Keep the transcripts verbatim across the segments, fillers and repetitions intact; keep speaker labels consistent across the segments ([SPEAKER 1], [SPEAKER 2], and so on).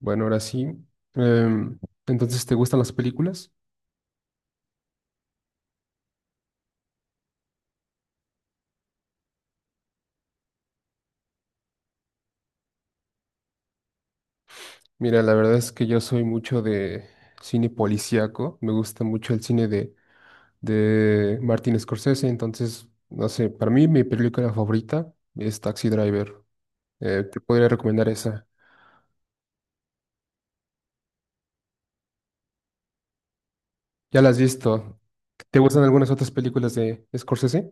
[SPEAKER 1] Bueno, ahora sí. Em, entonces, ¿te gustan las películas? Mira, la verdad es que yo soy mucho de cine policíaco. Me gusta mucho el cine de, de Martin Scorsese. Entonces, no sé, para mí mi película favorita es Taxi Driver. Eh, te podría recomendar esa. Ya la has visto. ¿Te gustan algunas otras películas de Scorsese?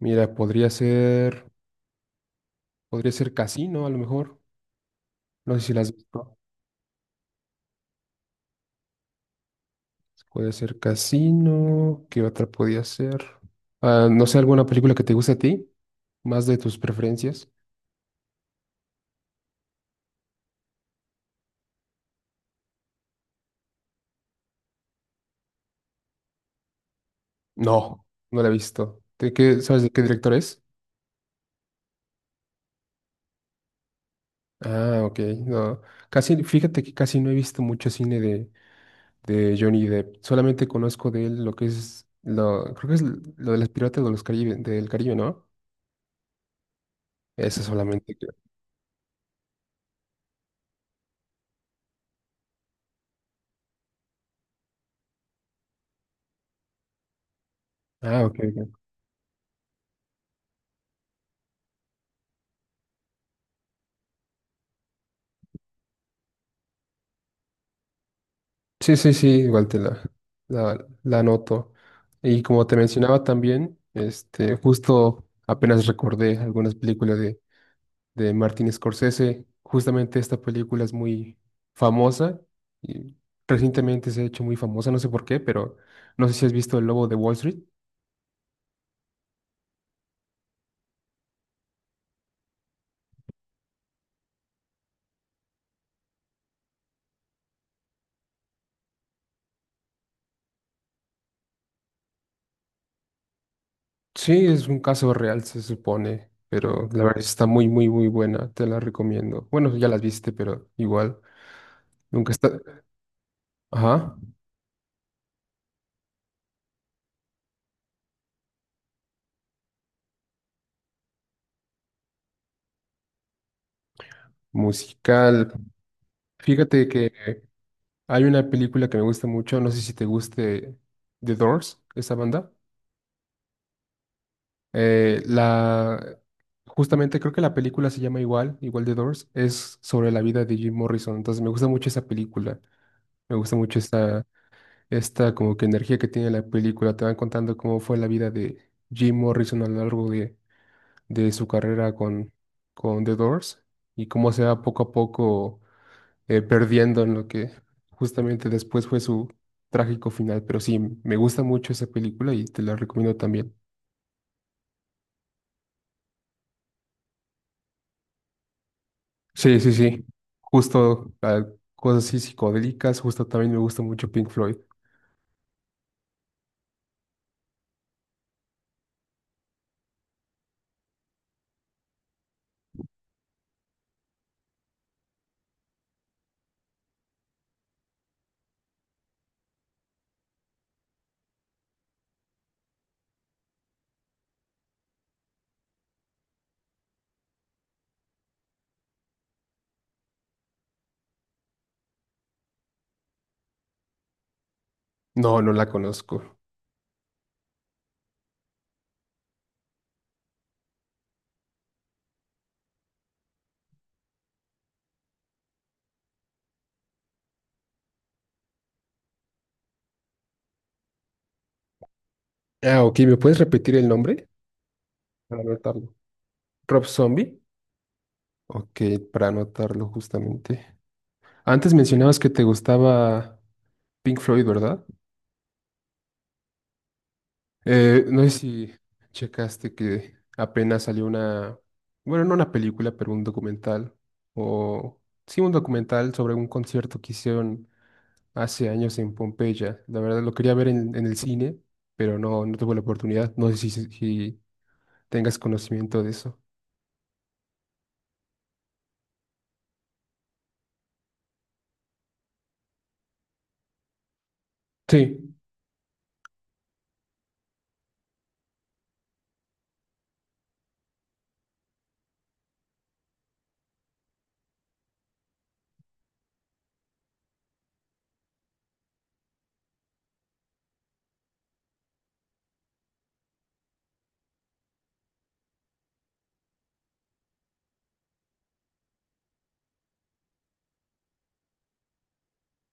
[SPEAKER 1] Mira, podría ser, podría ser Casino, a lo mejor. No sé si las has visto. Puede ser Casino. ¿Qué otra podía ser? Ah, no sé, ¿alguna película que te guste a ti? ¿Más de tus preferencias? No, no la he visto. ¿De qué, sabes de qué director es? Ah, ok. No. Casi, fíjate que casi no he visto mucho cine de, de Johnny Depp. Solamente conozco de él lo que es, lo, creo que es lo de las piratas de los Caribe, del Caribe, ¿no? Eso solamente creo. Ah, ok. Sí, sí, sí, igual te la, la, la anoto. Y como te mencionaba también, este, justo apenas recordé algunas películas de, de Martin Scorsese. Justamente esta película es muy famosa y recientemente se ha hecho muy famosa, no sé por qué, pero no sé si has visto El Lobo de Wall Street. Sí, es un caso real, se supone, pero la verdad está muy, muy, muy buena, te la recomiendo. Bueno, ya las viste, pero igual, nunca está... Ajá, musical. Fíjate que hay una película que me gusta mucho, no sé si te guste The Doors, esa banda. Eh, la, Justamente creo que la película se llama igual, igual The Doors, es sobre la vida de Jim Morrison, entonces me gusta mucho esa película, me gusta mucho esta, esta como que energía que tiene la película, te van contando cómo fue la vida de Jim Morrison a lo largo de, de su carrera con, con The Doors y cómo se va poco a poco, eh, perdiendo en lo que justamente después fue su trágico final. Pero sí, me gusta mucho esa película y te la recomiendo también. Sí, sí, sí. Justo ah, cosas así psicodélicas, justo también me gusta mucho Pink Floyd. No, no la conozco. Ah, ok, ¿me puedes repetir el nombre? Para anotarlo. Rob Zombie. Ok, para anotarlo justamente. Antes mencionabas que te gustaba Pink Floyd, ¿verdad? Eh, no sé si checaste que apenas salió una, bueno, no una película, pero un documental, o sí, un documental sobre un concierto que hicieron hace años en Pompeya. La verdad lo quería ver en, en el cine, pero no, no tuve la oportunidad. No sé si, si tengas conocimiento de eso. Sí,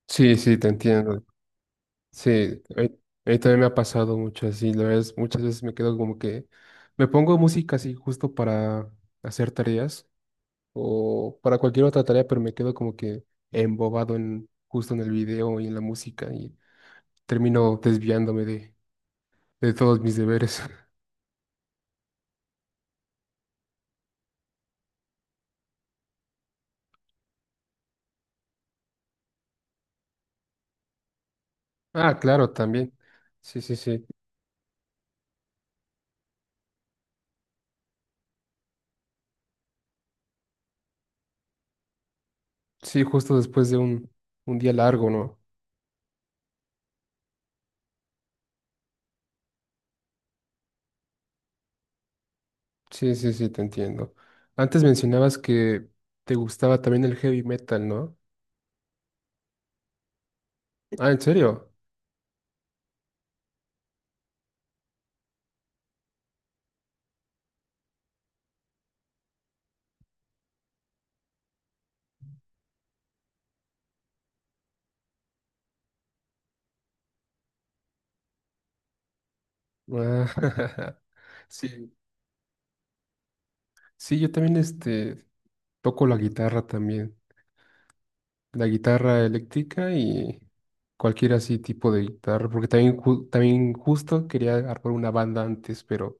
[SPEAKER 1] sí, sí, te entiendo. Sí, a mí a mí también me ha pasado mucho así, la verdad, es- muchas veces me quedo como que me pongo música así justo para hacer tareas o para cualquier otra tarea, pero me quedo como que embobado en justo en el video y en la música y termino desviándome de, de todos mis deberes. Ah, claro, también. Sí, sí, sí. Sí, justo después de un, un día largo, ¿no? Sí, sí, sí, te entiendo. Antes mencionabas que te gustaba también el heavy metal, ¿no? Ah, ¿en serio? Ah, sí. Sí, yo también este toco la guitarra también, la guitarra eléctrica y cualquier así tipo de guitarra, porque también, ju- también justo quería armar una banda antes, pero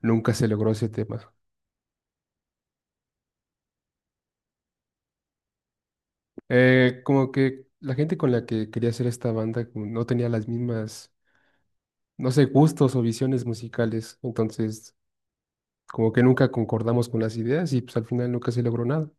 [SPEAKER 1] nunca se logró ese tema. Eh, como que la gente con la que quería hacer esta banda como no tenía las mismas, no sé, gustos o visiones musicales, entonces como que nunca concordamos con las ideas y pues al final nunca se logró nada.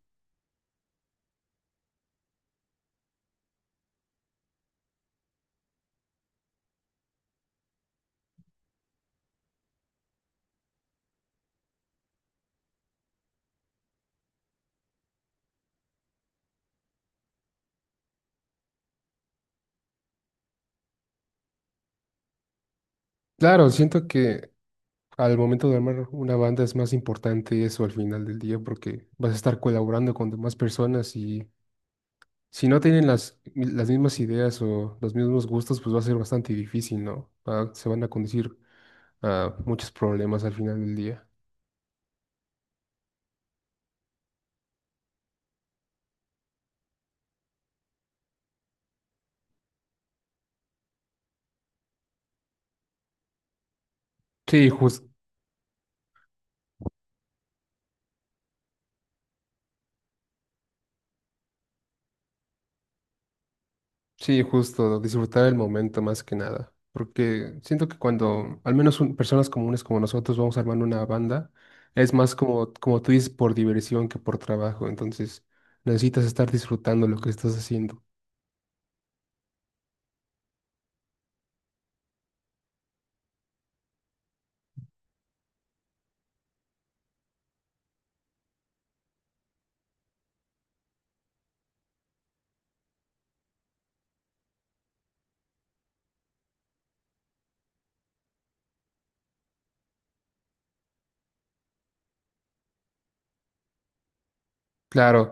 [SPEAKER 1] Claro, siento que al momento de armar una banda es más importante eso al final del día porque vas a estar colaborando con demás personas y si no tienen las, las mismas ideas o los mismos gustos, pues va a ser bastante difícil, ¿no? Va- se van a conducir a muchos problemas al final del día. Sí, jus- sí, justo, disfrutar el momento más que nada. Porque siento que cuando, al menos un- personas comunes como nosotros, vamos armando una banda, es más como, como tú dices, por diversión que por trabajo. Entonces, necesitas estar disfrutando lo que estás haciendo. Claro,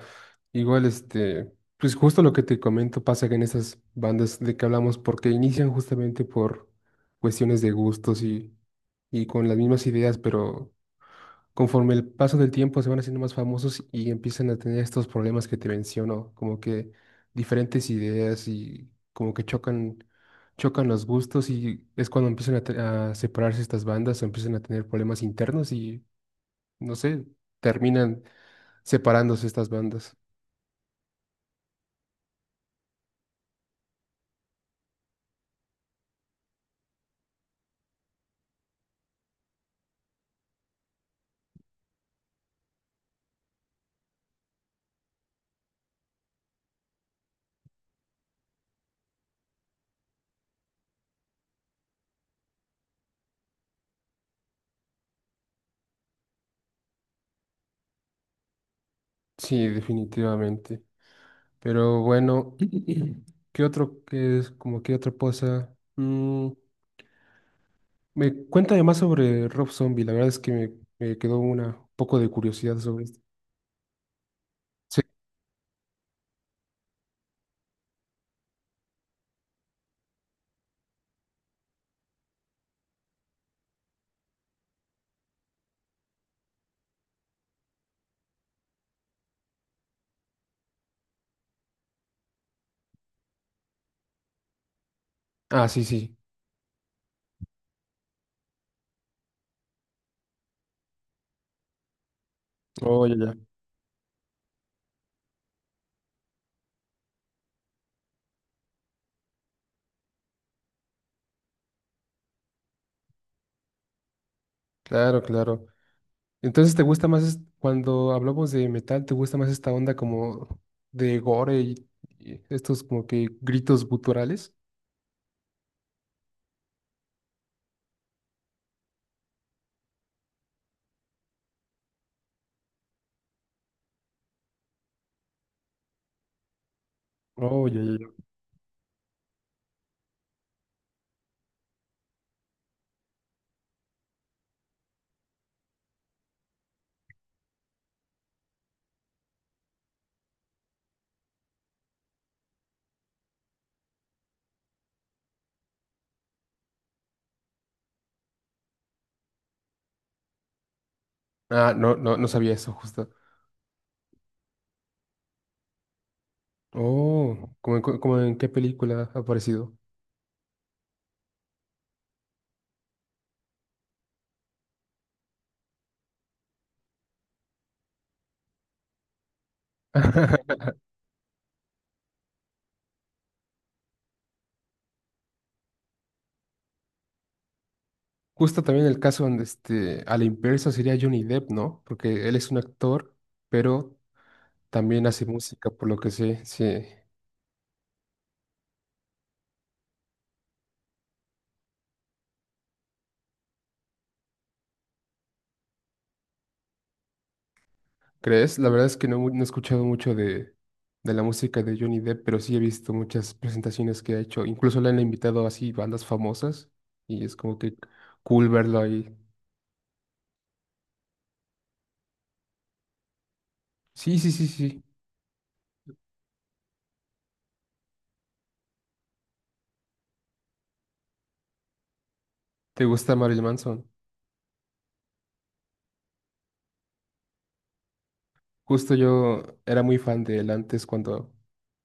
[SPEAKER 1] igual este, pues justo lo que te comento pasa que en esas bandas de que hablamos, porque inician justamente por cuestiones de gustos y, y con las mismas ideas, pero conforme el paso del tiempo se van haciendo más famosos y empiezan a tener estos problemas que te menciono, como que diferentes ideas y como que chocan, chocan los gustos y es cuando empiezan a, te- a separarse estas bandas, empiezan a tener problemas internos y no sé, terminan separándose estas bandas. Sí, definitivamente. Pero bueno, ¿qué otro que es como qué otra cosa? Mm, me cuenta más sobre Rob Zombie. La verdad es que me, me quedó una un poco de curiosidad sobre esto. Sí. Ah, sí, sí. Oh, ya, ya. Claro, claro. Entonces, ¿te gusta más es- cuando hablamos de metal, ¿te gusta más esta onda como de gore y, y estos como que gritos guturales? Oh, ya, ya, ya. Ah, no, no, no sabía eso justo. Oh, ¿cómo en, cu- ¿como en qué película ha aparecido? Justo también el caso donde este, a la inversa sería Johnny Depp, ¿no? Porque él es un actor, pero también hace música, por lo que sé, sí. ¿Crees? La verdad es que no, mu- no he escuchado mucho de, de la música de Johnny Depp, pero sí he visto muchas presentaciones que ha hecho. Incluso le han invitado así bandas famosas y es como que cool verlo ahí. Sí, sí, sí, sí. ¿Te gusta Marilyn Manson? Justo yo era muy fan de él antes cuando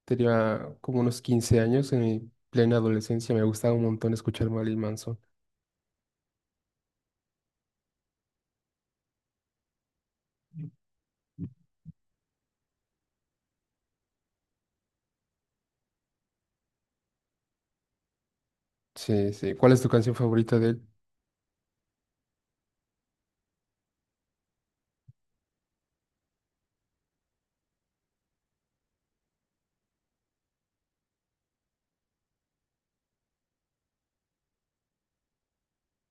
[SPEAKER 1] tenía como unos quince años, en mi plena adolescencia. Me gustaba un montón escuchar Marilyn Manson. Sí, sí. ¿Cuál es tu canción favorita de él?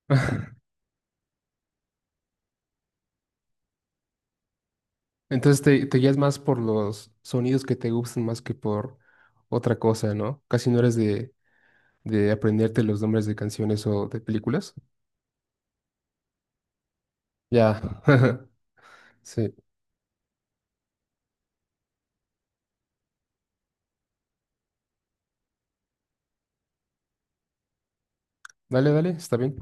[SPEAKER 1] Entonces te, te guías más por los sonidos que te gustan más que por otra cosa, ¿no? Casi no eres de, de aprenderte los nombres de canciones o de películas. Ya. Sí. Dale, dale, está bien.